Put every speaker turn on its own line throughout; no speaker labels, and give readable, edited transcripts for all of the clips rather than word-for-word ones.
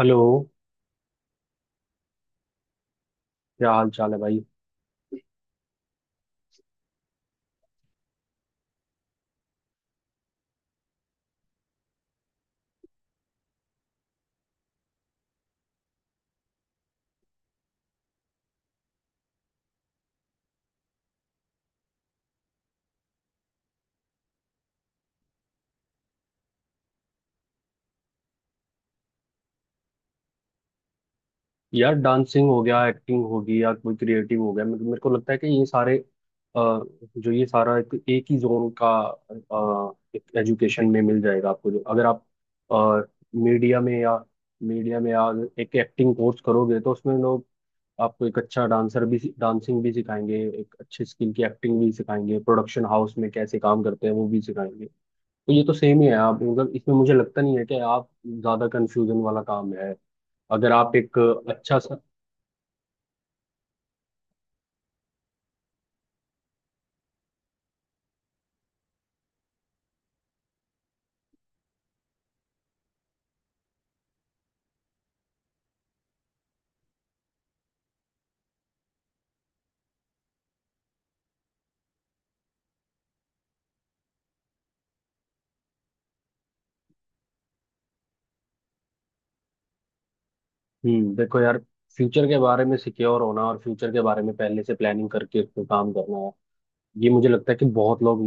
Hello. क्या हाल चाल है भाई। यार, डांसिंग हो गया, एक्टिंग होगी या कोई क्रिएटिव हो गया, मेरे को लगता है कि ये सारे जो ये सारा एक ही जोन का एजुकेशन में मिल जाएगा आपको, जो अगर आप मीडिया में या मीडिया में या एक एक्टिंग कोर्स करोगे तो उसमें लोग आपको एक अच्छा डांसर भी, डांसिंग भी सिखाएंगे, एक अच्छे स्किल की एक्टिंग भी सिखाएंगे, प्रोडक्शन हाउस में कैसे काम करते हैं वो भी सिखाएंगे। तो ये तो सेम ही है आप, मतलब इसमें मुझे लगता नहीं है कि आप ज्यादा कंफ्यूजन वाला काम है। अगर आप एक अच्छा सा। हम्म, देखो यार, फ्यूचर के बारे में सिक्योर होना और फ्यूचर के बारे में पहले से प्लानिंग करके उस पे काम करना है, ये मुझे लगता है कि बहुत लोग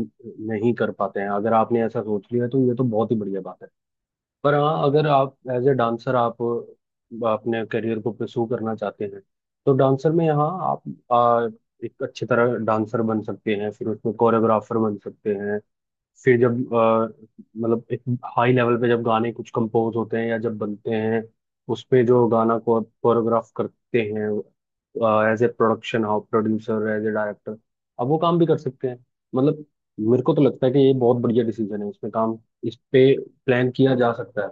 नहीं कर पाते हैं। अगर आपने ऐसा सोच लिया तो ये तो बहुत ही बढ़िया बात है। पर हाँ, अगर आप एज ए डांसर आप अपने करियर को पुरसू करना चाहते हैं तो डांसर में यहाँ आप आ, एक अच्छी तरह डांसर बन सकते हैं, फिर उसमें कोरियोग्राफर बन सकते हैं, फिर जब मतलब एक हाई लेवल पे जब गाने कुछ कंपोज होते हैं या जब बनते हैं, उसमें जो गाना को कोरियोग्राफ करते हैं as a production house producer, as a director, अब वो काम भी कर सकते हैं। मतलब मेरे को तो लगता है कि ये बहुत बढ़िया डिसीजन है, इसमें काम इस पे प्लान किया जा सकता है।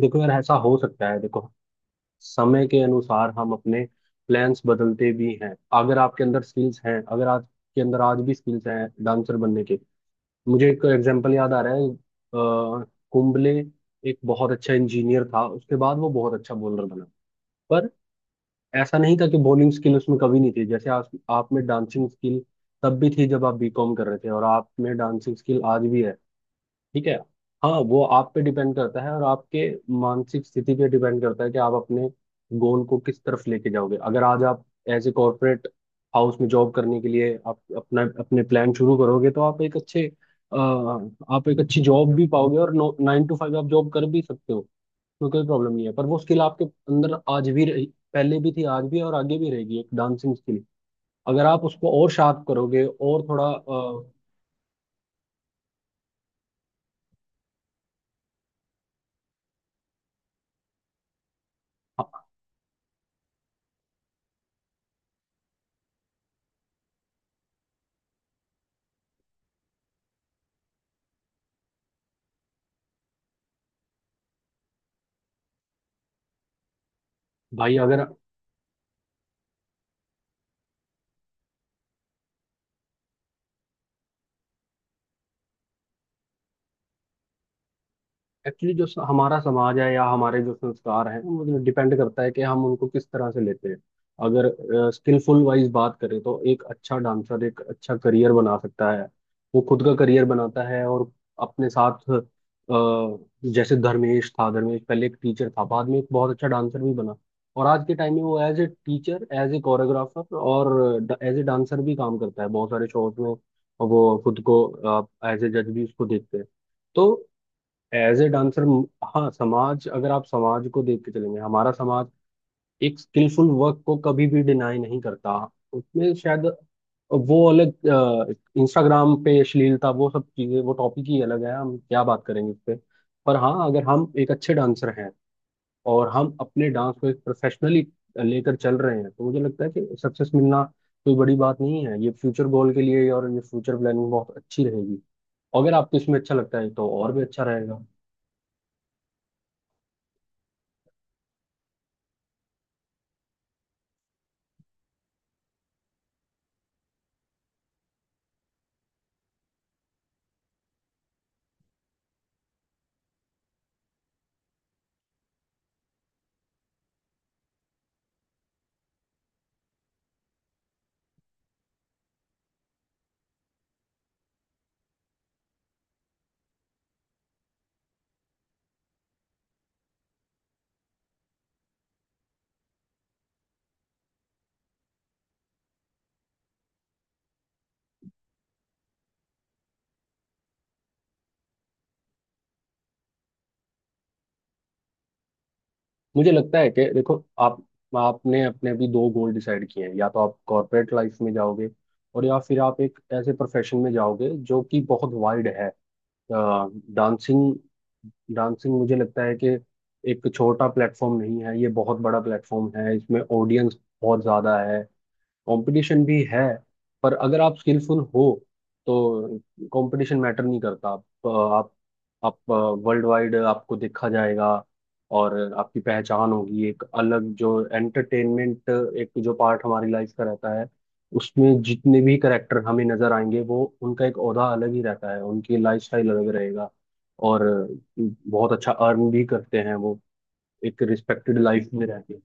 देखो यार, ऐसा हो सकता है। देखो, समय के अनुसार हम अपने प्लान्स बदलते भी हैं। अगर आपके अंदर स्किल्स हैं, अगर आपके अंदर आज भी स्किल्स हैं डांसर बनने के। मुझे एक एग्जांपल याद आ रहा है, कुंबले एक बहुत अच्छा इंजीनियर था, उसके बाद वो बहुत अच्छा बॉलर बना। पर ऐसा नहीं था कि बॉलिंग स्किल उसमें कभी नहीं थी, जैसे आप में डांसिंग स्किल तब भी थी जब आप B.Com कर रहे थे, और आप में डांसिंग स्किल आज भी है। ठीक है। हाँ, वो आप पे डिपेंड करता है और आपके मानसिक स्थिति पे डिपेंड करता है कि आप अपने गोल को किस तरफ लेके जाओगे। अगर आज आप एज ए कॉर्पोरेट हाउस में जॉब करने के लिए आप अपना अपने प्लान शुरू करोगे तो आप एक अच्छे आप एक अच्छी जॉब भी पाओगे, और 9 to 5 आप जॉब कर भी सकते हो। तो कोई प्रॉब्लम नहीं है, पर वो स्किल आपके अंदर आज भी रही, पहले भी थी, आज भी है, और आगे भी रहेगी, एक डांसिंग स्किल। अगर आप उसको और शार्प करोगे और थोड़ा हाँ, भाई अगर एक्चुअली जो हमारा समाज है या हमारे जो संस्कार हैं, वो मतलब डिपेंड करता है कि हम उनको किस तरह से लेते हैं। अगर स्किलफुल वाइज बात करें तो एक अच्छा डांसर एक अच्छा करियर बना सकता है, वो खुद का करियर बनाता है और अपने साथ अ, जैसे धर्मेश था, धर्मेश पहले एक टीचर था, बाद में एक बहुत अच्छा डांसर भी बना। और आज के टाइम में वो as a teacher, as a choreographer और एज ए डांसर भी काम करता है बहुत सारे शोज में। वो खुद को एज ए जज भी उसको देखते हैं। तो एज ए डांसर, हाँ, समाज, अगर आप समाज को देख के चलेंगे, हमारा समाज एक स्किलफुल वर्क को कभी भी डिनाई नहीं करता। उसमें शायद वो अलग, इंस्टाग्राम पे अश्लीलता वो सब चीजें, वो टॉपिक ही अलग है, हम क्या बात करेंगे इस पे। पर हाँ, अगर हम एक अच्छे डांसर हैं और हम अपने डांस को एक प्रोफेशनली लेकर चल रहे हैं तो मुझे लगता है कि सक्सेस मिलना कोई बड़ी बात नहीं है। ये फ्यूचर गोल के लिए और ये फ्यूचर प्लानिंग बहुत अच्छी रहेगी, अगर आपको इसमें अच्छा लगता है तो और भी अच्छा रहेगा। मुझे लगता है कि देखो, आप आपने अपने अभी दो गोल डिसाइड किए हैं, या तो आप कॉर्पोरेट लाइफ में जाओगे, और या फिर आप एक ऐसे प्रोफेशन में जाओगे जो कि बहुत वाइड है, डांसिंग। डांसिंग मुझे लगता है कि एक छोटा प्लेटफॉर्म नहीं है, ये बहुत बड़ा प्लेटफॉर्म है। इसमें ऑडियंस बहुत ज़्यादा है, कंपटीशन भी है। पर अगर आप स्किलफुल हो तो कंपटीशन मैटर नहीं करता। आप वर्ल्ड वाइड आपको देखा जाएगा, और आपकी पहचान होगी एक अलग। जो एंटरटेनमेंट एक जो पार्ट हमारी लाइफ का रहता है, उसमें जितने भी करेक्टर हमें नजर आएंगे वो, उनका एक ओहदा अलग ही रहता है, उनकी लाइफस्टाइल अलग रहेगा, और बहुत अच्छा अर्न भी करते हैं वो, एक रिस्पेक्टेड लाइफ में रहते हैं।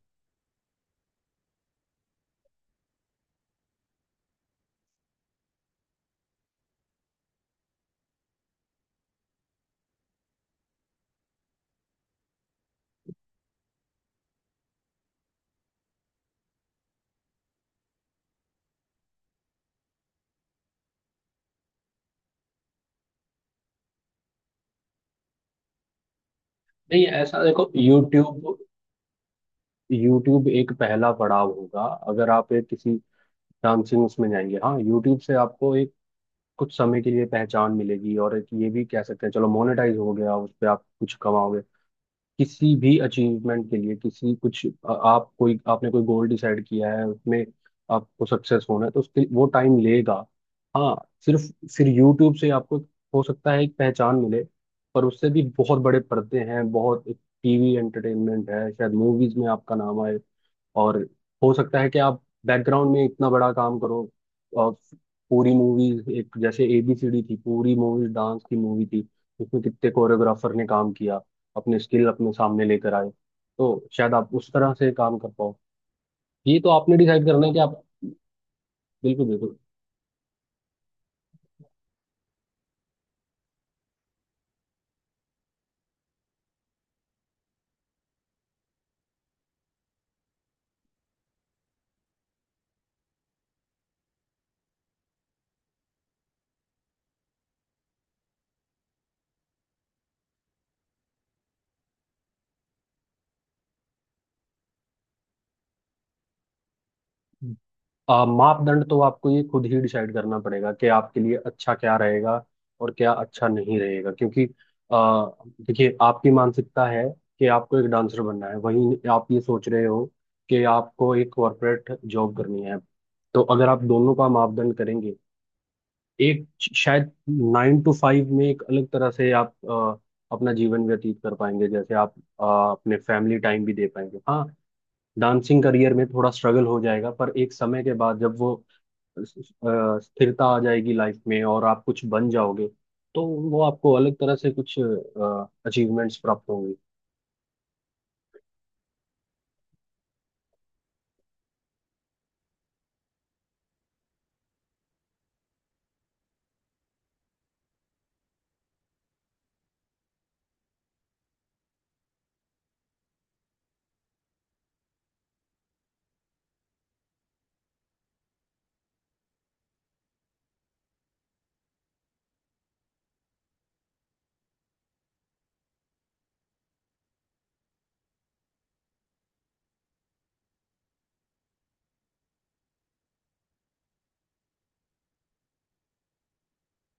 नहीं, ऐसा देखो, यूट्यूब यूट्यूब एक पहला पड़ाव होगा। अगर आप एक किसी डांसिंग उसमें जाएंगे, हाँ, यूट्यूब से आपको एक कुछ समय के लिए पहचान मिलेगी, और एक ये भी कह सकते हैं चलो मोनेटाइज हो गया, उस पर आप कुछ कमाओगे। किसी भी अचीवमेंट के लिए, किसी कुछ आप कोई आपने कोई गोल डिसाइड किया है उसमें आपको सक्सेस होना है, तो उसके वो टाइम लेगा। हाँ, सिर्फ फिर यूट्यूब से आपको हो सकता है एक पहचान मिले, पर उससे भी बहुत बड़े पर्दे हैं। बहुत TV एंटरटेनमेंट है, शायद मूवीज में आपका नाम आए, और हो सकता है कि आप बैकग्राउंड में इतना बड़ा काम करो, और पूरी मूवीज, एक जैसे ABCD थी, पूरी मूवीज डांस की मूवी थी, उसमें कितने कोरियोग्राफर ने काम किया, अपने स्किल अपने सामने लेकर आए। तो शायद आप उस तरह से काम कर पाओ। ये तो आपने डिसाइड करना है कि आप। बिल्कुल बिल्कुल। मापदंड तो आपको ये खुद ही डिसाइड करना पड़ेगा कि आपके लिए अच्छा क्या रहेगा और क्या अच्छा नहीं रहेगा, क्योंकि आ, देखिए आपकी मानसिकता है कि आपको एक डांसर बनना है, वहीं आप ये सोच रहे हो कि आपको एक कॉरपोरेट जॉब करनी है। तो अगर आप दोनों का मापदंड करेंगे, एक शायद 9 to 5 में एक अलग तरह से आप अपना जीवन व्यतीत कर पाएंगे, जैसे आप अपने फैमिली टाइम भी दे पाएंगे। हाँ, डांसिंग करियर में थोड़ा स्ट्रगल हो जाएगा, पर एक समय के बाद जब वो स्थिरता आ जाएगी लाइफ में और आप कुछ बन जाओगे तो वो आपको अलग तरह से कुछ अचीवमेंट्स प्राप्त होंगे।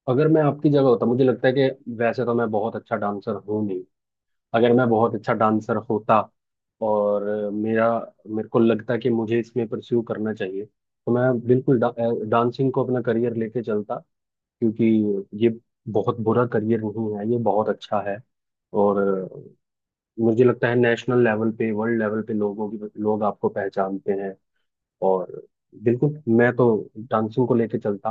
अगर मैं आपकी जगह होता, मुझे लगता है कि वैसे तो मैं बहुत अच्छा डांसर हूँ नहीं। अगर मैं बहुत अच्छा डांसर होता और मेरा मेरे को लगता कि मुझे इसमें परस्यू करना चाहिए तो मैं बिल्कुल डांसिंग को अपना करियर लेके चलता, क्योंकि ये बहुत बुरा करियर नहीं है, ये बहुत अच्छा है। और मुझे लगता है नेशनल लेवल पे वर्ल्ड लेवल पे लोग आपको पहचानते हैं। और बिल्कुल मैं तो डांसिंग को लेके चलता।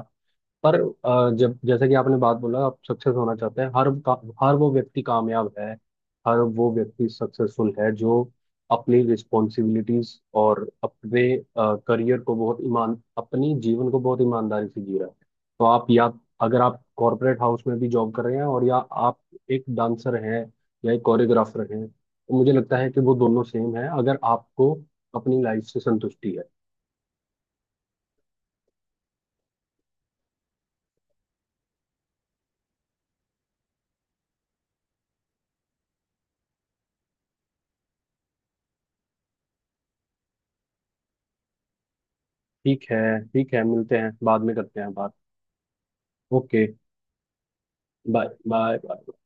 पर जब, जैसे कि आपने बात बोला, आप सक्सेस होना चाहते हैं, हर वो व्यक्ति कामयाब है, हर वो व्यक्ति सक्सेसफुल है जो अपनी रिस्पॉन्सिबिलिटीज और अपने करियर को बहुत ईमान, अपनी जीवन को बहुत ईमानदारी से जी रहा है। तो आप, या अगर आप कॉरपोरेट हाउस में भी जॉब कर रहे हैं और या आप एक डांसर हैं या एक कोरियोग्राफर हैं, तो मुझे लगता है कि वो दोनों सेम है, अगर आपको अपनी लाइफ से संतुष्टि है। ठीक है। ठीक है, मिलते हैं, बाद में करते हैं बात। ओके। Bye, bye, bye.